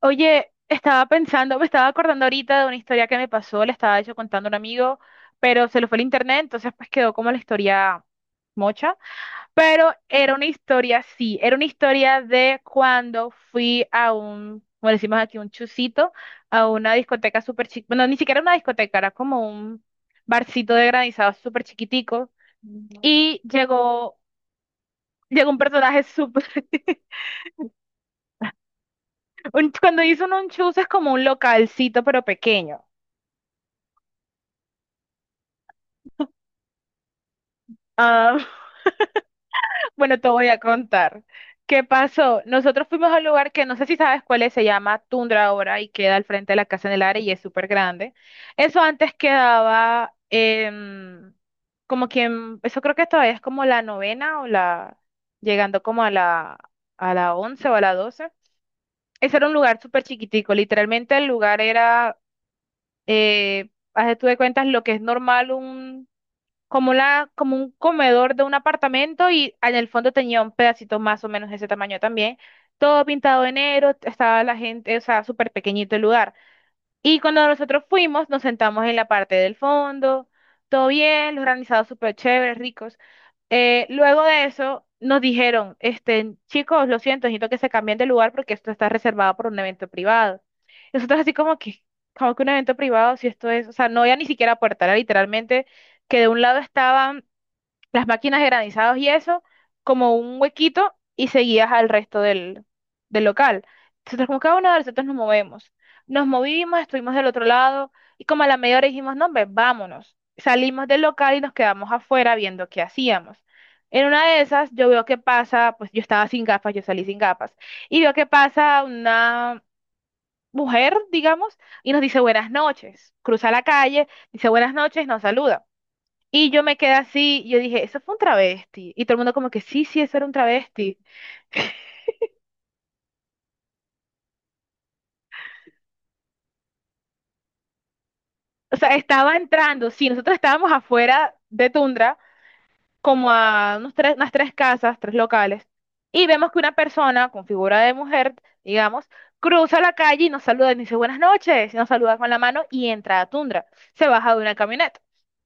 Oye, estaba pensando, me estaba acordando ahorita de una historia que me pasó, le estaba yo contando a un amigo, pero se lo fue el internet, entonces pues quedó como la historia mocha, pero era una historia, sí, era una historia de cuando fui a un, como decimos aquí, un chusito, a una discoteca súper chiquita, bueno, ni siquiera una discoteca, era como un barcito de granizado súper chiquitico, y llegó un personaje súper, cuando hizo un chus es como un localcito pero pequeño. Ah, bueno, te voy a contar. ¿Qué pasó? Nosotros fuimos a un lugar que no sé si sabes cuál es, se llama Tundra ahora y queda al frente de la Casa en el área y es súper grande. Eso antes quedaba como quien, eso creo que todavía es como la novena o la, llegando como a la once o a la doce. Ese era un lugar súper chiquitico, literalmente el lugar era, haz de tú de cuentas lo que es normal un como la, como un comedor de un apartamento y en el fondo tenía un pedacito más o menos de ese tamaño también. Todo pintado de negro, estaba la gente, o sea, súper pequeñito el lugar. Y cuando nosotros fuimos, nos sentamos en la parte del fondo, todo bien, los granizados súper chéveres, ricos. Luego de eso, nos dijeron, este, chicos, lo siento, necesito que se cambien de lugar porque esto está reservado por un evento privado. Y nosotros así como que un evento privado, si esto es, o sea, no había ni siquiera puerta, era literalmente que de un lado estaban las máquinas de granizados y eso, como un huequito y seguías al resto del local. Nosotros como cada uno de nosotros nos movemos. Nos movimos, estuvimos del otro lado y como a la media hora dijimos, no, hombre, vámonos. Salimos del local y nos quedamos afuera viendo qué hacíamos. En una de esas yo veo que pasa, pues yo estaba sin gafas, yo salí sin gafas, y veo que pasa una mujer, digamos, y nos dice buenas noches. Cruza la calle, dice buenas noches, nos saluda. Y yo me quedé así, y yo dije, eso fue un travesti. Y todo el mundo como que, sí, sí, eso era un travesti. O sea, estaba entrando, sí, nosotros estábamos afuera de Tundra, como a unos tres, unas tres casas, tres locales, y vemos que una persona con figura de mujer, digamos, cruza la calle y nos saluda, y nos dice buenas noches, y nos saluda con la mano y entra a Tundra. Se baja de una camioneta.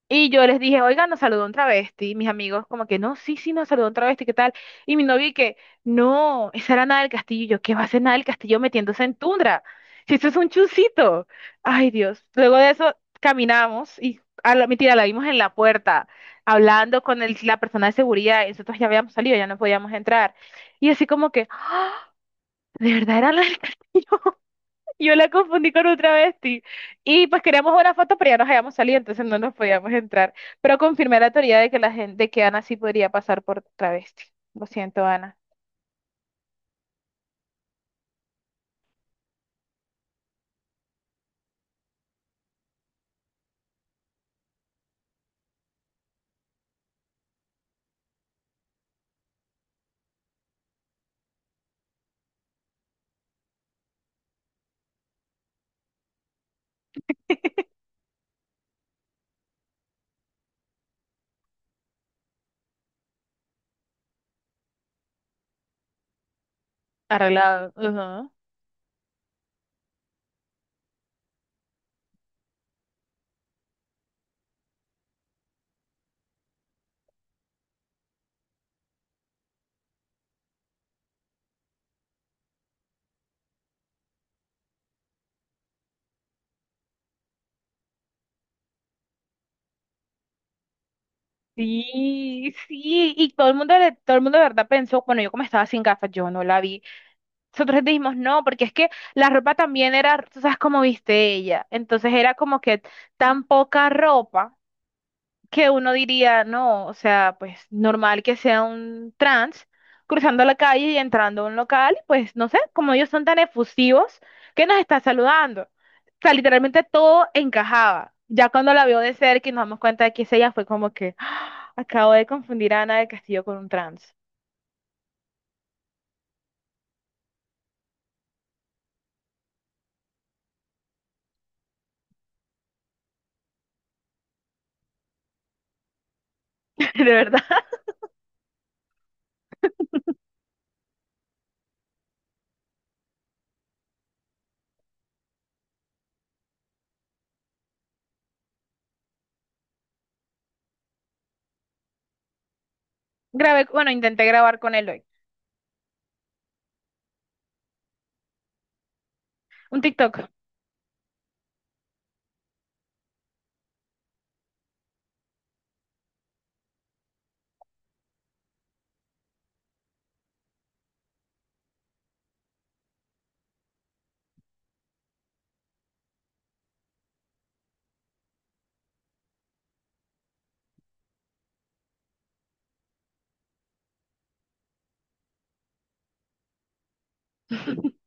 Y yo les dije, oigan, nos saludó un travesti. Mis amigos, como que no, sí, sí, nos saludó un travesti, ¿qué tal? Y mi novio, y que no, esa era Nada del Castillo. Y yo, ¿qué va a hacer Nada del Castillo metiéndose en tundra? Si eso es un chusito. Ay, Dios. Luego de eso, caminamos y, a la, mentira, la vimos en la puerta, hablando con la persona de seguridad. Y nosotros ya habíamos salido, ya no podíamos entrar. Y así, como que, ¿de verdad era Nada? Yo la confundí con un travesti. Y pues queríamos una foto, pero ya nos habíamos salido, entonces no nos podíamos entrar. Pero confirmé la teoría de que la gente, de que Ana sí podría pasar por travesti. Lo siento, Ana. Arreglado. Ujú. Sí, sí, y todo el mundo, todo el mundo de verdad pensó, bueno, yo como estaba sin gafas, yo no la vi. Nosotros dijimos no, porque es que la ropa también era, tú sabes cómo viste ella, entonces era como que tan poca ropa que uno diría, no, o sea, pues normal que sea un trans cruzando la calle y entrando a un local, pues no sé, como ellos son tan efusivos, que nos está saludando. O sea, literalmente todo encajaba. Ya cuando la vio de cerca y nos damos cuenta de que es ella, fue como que, "Ah, acabo de confundir a Ana del Castillo con un trans". De verdad. Grabé, bueno, intenté grabar con él hoy. Un TikTok.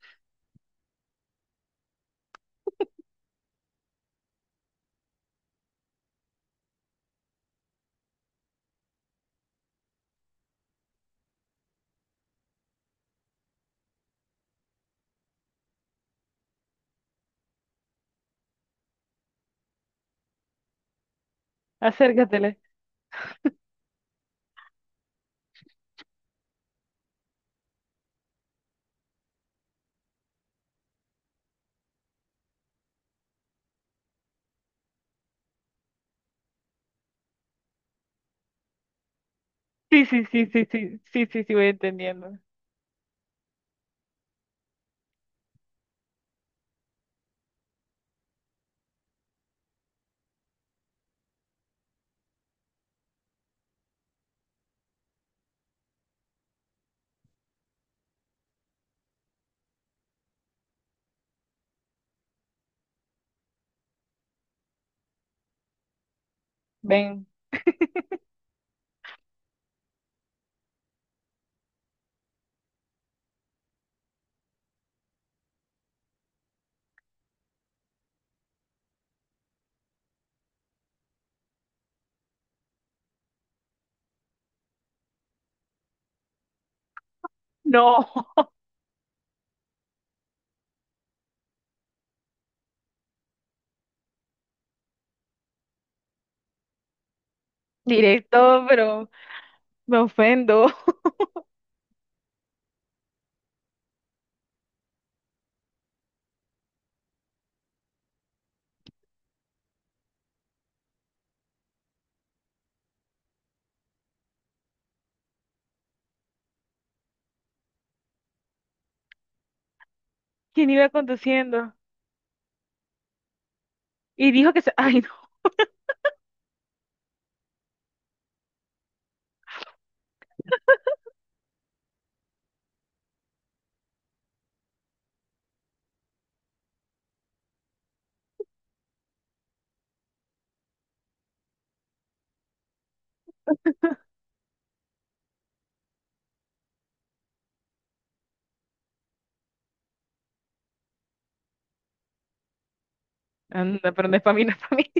Acércatele. Sí, sí, sí, sí, sí, sí, sí, sí, voy entendiendo. Ven. No, directo, pero... Me ofendo. ¿Quién iba conduciendo? Y dijo que se... Ay, no. Anda, pero no es para mí, no es para mí.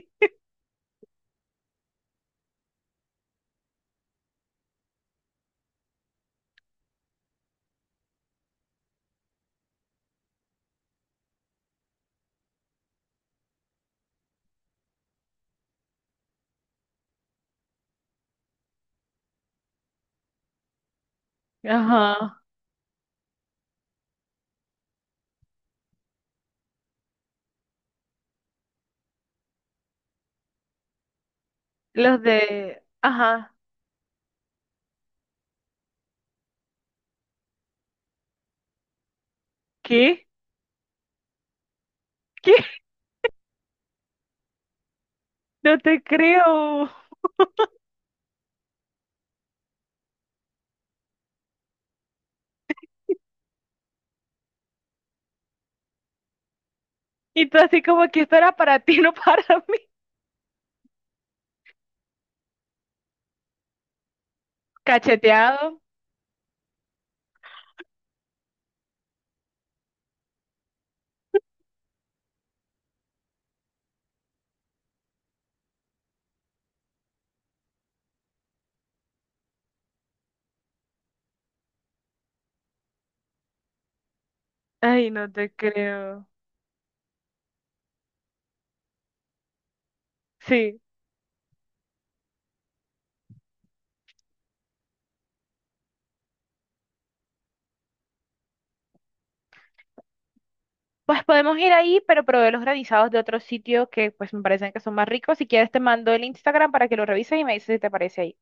Ajá. Los de... Ajá. ¿Qué? ¿Qué? No te creo. Y tú así como que esto era para ti, no para mí. Cacheteado. Ay, no te creo. Sí. Pues podemos ir ahí, pero probé los granizados de otro sitio que pues me parecen que son más ricos. Si quieres te mando el Instagram para que lo revises y me dices si te parece ahí.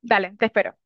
Dale, te espero.